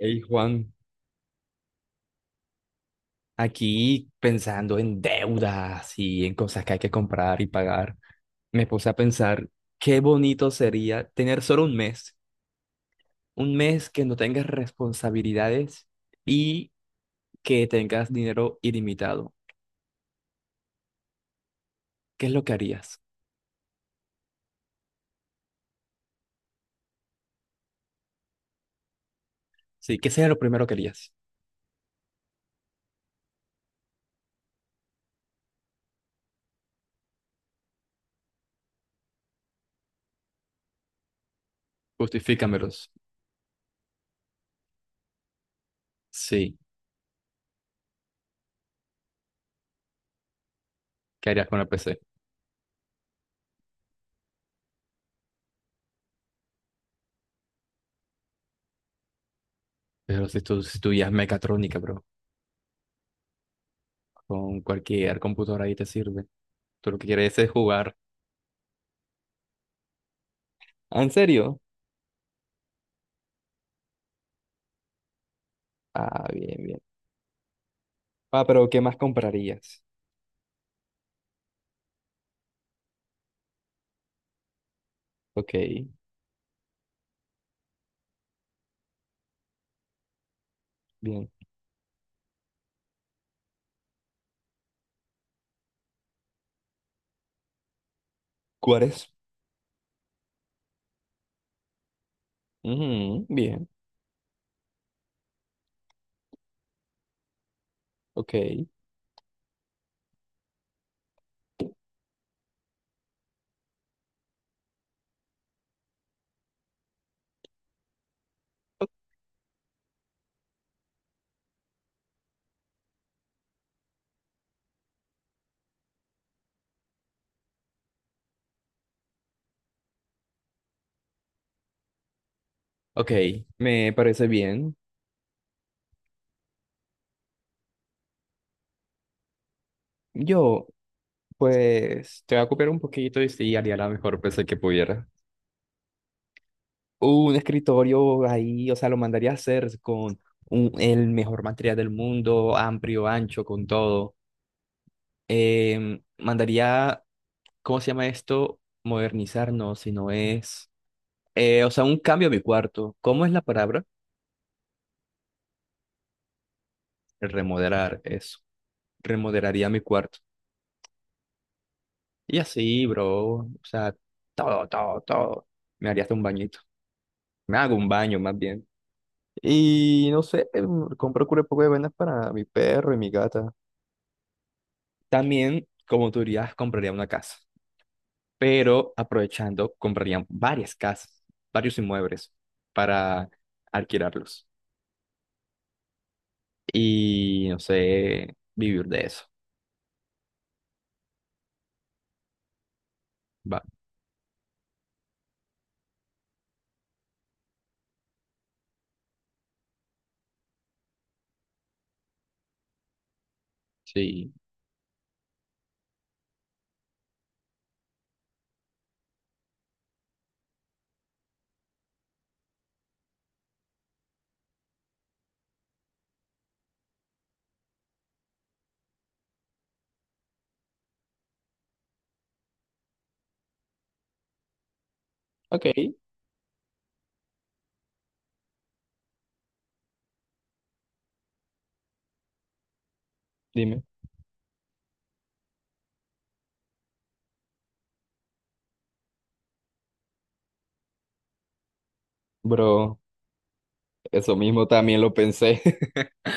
Hey Juan, aquí pensando en deudas y en cosas que hay que comprar y pagar, me puse a pensar qué bonito sería tener solo un mes que no tengas responsabilidades y que tengas dinero ilimitado. ¿Qué es lo que harías? Sí, ¿qué sería lo primero que harías? Justifícamelos. Sí, ¿qué harías con la PC? Pero si tú ya mecatrónica, bro, con cualquier computadora ahí te sirve. Tú lo que quieres es jugar. ¿Ah, en serio? Ah, bien. Ah, pero ¿qué más comprarías? Ok, bien. ¿Cuáles? Ujú, bien, ok. Ok, me parece bien. Yo, pues, te voy a copiar un poquito y sí, haría la mejor PC que pudiera. Un escritorio ahí, o sea, lo mandaría a hacer con el mejor material del mundo, amplio, ancho, con todo. Mandaría ¿cómo se llama esto? Modernizar, no, si no es, o sea, un cambio a mi cuarto. ¿Cómo es la palabra? El remodelar eso. Remodelaría mi cuarto. Y así, bro, o sea, todo, todo, todo. Me haría hasta un bañito. Me hago un baño más bien. Y no sé, compro un poco de vainas para mi perro y mi gata. También, como tú dirías, compraría una casa. Pero aprovechando, compraría varias casas, varios inmuebles para alquilarlos. Y no sé, vivir de eso. Va. Sí. Ok, dime. Bro, eso mismo también lo pensé.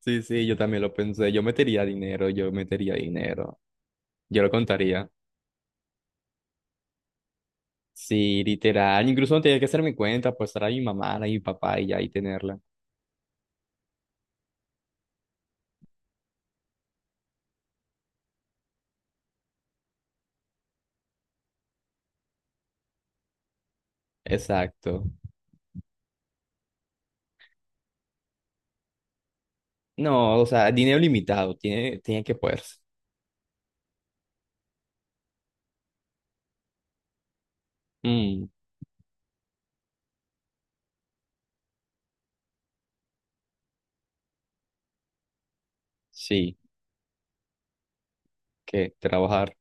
Sí, sí, yo también lo pensé. Yo metería dinero, yo metería dinero. Yo lo contaría. Sí, literal. Incluso no tenía que hacer mi cuenta, pues estar a mi mamá, a mi papá y ya y tenerla. Exacto. No, o sea, dinero limitado. Tiene que poderse. Mm, sí, que trabajar.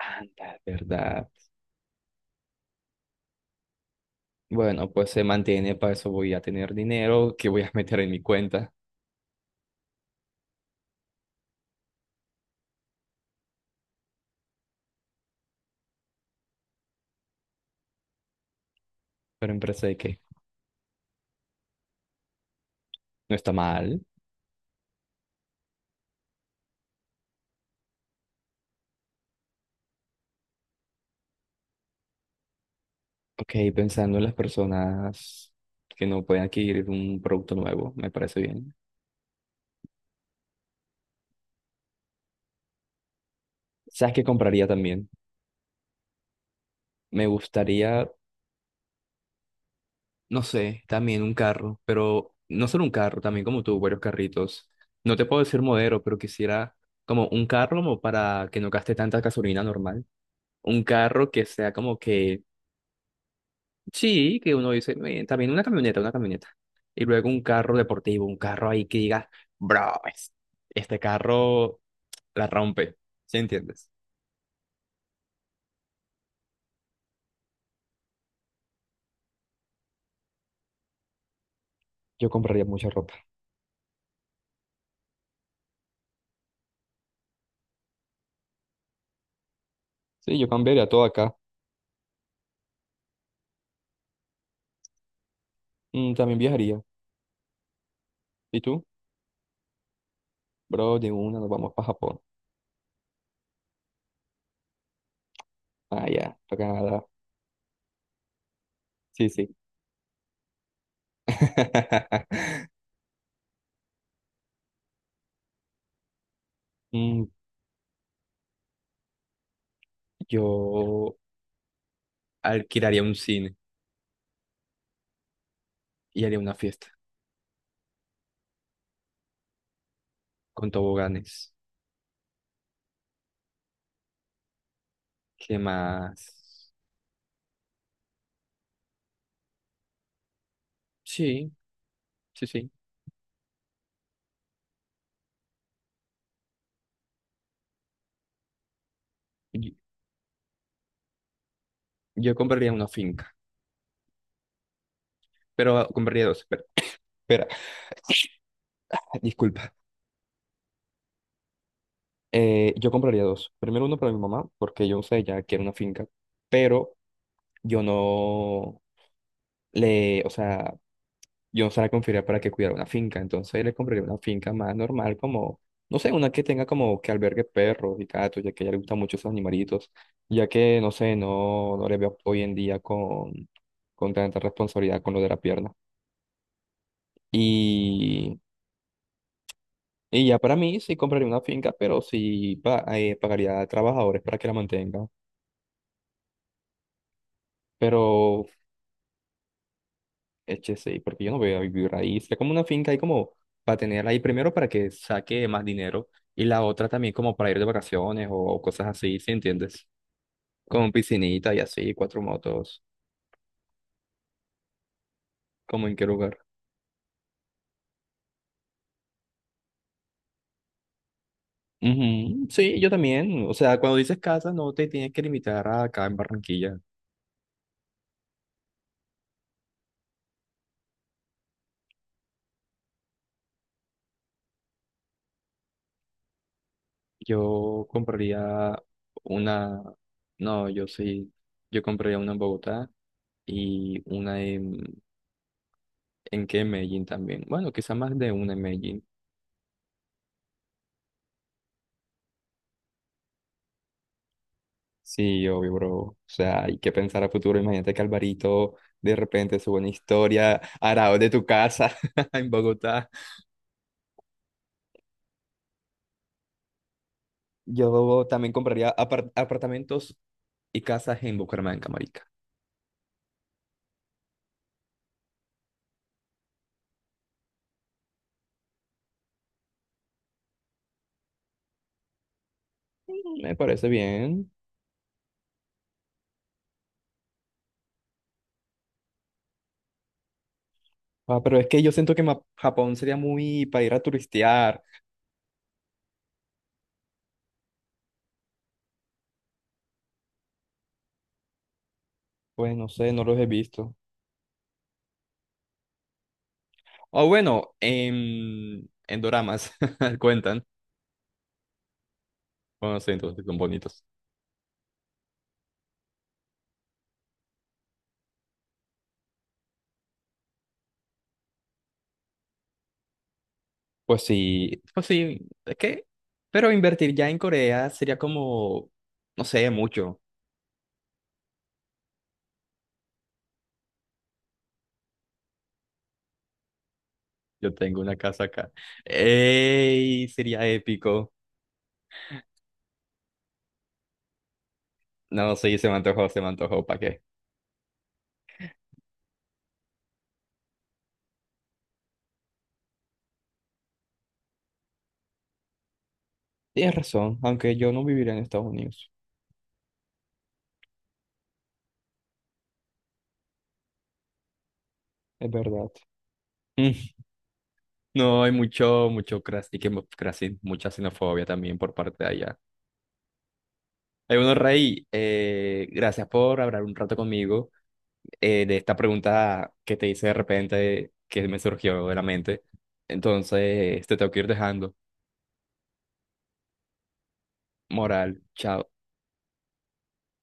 Anda, ¿verdad? Bueno, pues se mantiene, para eso voy a tener dinero que voy a meter en mi cuenta. Pero en empresa de que no está mal. Ok, pensando en las personas que no pueden adquirir un producto nuevo, me parece bien. ¿Sabes qué compraría también? Me gustaría, no sé, también un carro, pero no solo un carro, también como tú, varios carritos. No te puedo decir modelo, pero quisiera como un carro como para que no gaste tanta gasolina normal. Un carro que sea como que, sí, que uno dice, también una camioneta, una camioneta. Y luego un carro deportivo, un carro ahí que diga, bro, este carro. La rompe, ¿sí entiendes? Yo compraría mucha ropa. Sí, yo cambiaría todo acá. También viajaría. ¿Y tú? Bro, de una nos vamos para Japón. Ah, ya, para Canadá. Sí, sí. Mm, yo alquilaría un cine y haría una fiesta con toboganes. ¿Qué más? Sí, sí, sí. Y- Yo compraría una finca, pero compraría dos. Espera, espera. Disculpa. Yo compraría dos. Primero uno para mi mamá, porque yo sé, ella quiere una finca. Pero yo no le, o sea, yo no se la confiaría para que cuidara una finca, entonces le compraría una finca más normal, como, no sé, una que tenga como que albergue perros y gatos, ya que a ella le gustan mucho esos animalitos, ya que, no sé, no, no le veo hoy en día con, tanta responsabilidad con lo de la pierna. Y, y ya para mí sí compraría una finca, pero sí pagaría a trabajadores para que la mantengan. Pero HCI, porque yo no voy a vivir ahí. Sería como una finca ahí como para tener ahí primero para que saque más dinero y la otra también como para ir de vacaciones o cosas así, ¿sí entiendes? Con piscinita y así, cuatro motos, ¿como en qué lugar? Ujú, sí, yo también. O sea, cuando dices casa, no te tienes que limitar a acá en Barranquilla. Yo compraría una, no, yo sí, yo compraría una en Bogotá y una ¿en qué? En Medellín también. Bueno, quizá más de una en Medellín. Sí, obvio, bro. O sea, hay que pensar a futuro. Imagínate que Alvarito de repente sube una historia arado de tu casa en Bogotá. Yo también compraría apartamentos y casas en Bucaramanga, marica. Me parece bien. Ah, pero es que yo siento que Japón sería muy para ir a turistear. Pues no sé, no los he visto. O bueno, en doramas cuentan. Bueno, sí, entonces son bonitos. Pues sí, es que, pero invertir ya en Corea sería como, no sé, mucho. Yo tengo una casa acá. ¡Ey! Sería épico. No, sí, se me antojó, ¿para qué? Tienes razón, aunque yo no viviría en Estados Unidos, es verdad. Mm, no, hay mucho, mucho cras y que mucha xenofobia también por parte de allá. Hay uno, Rey, gracias por hablar un rato conmigo. De esta pregunta que te hice de repente que me surgió de la mente. Entonces, te tengo que ir dejando. Moral, chao.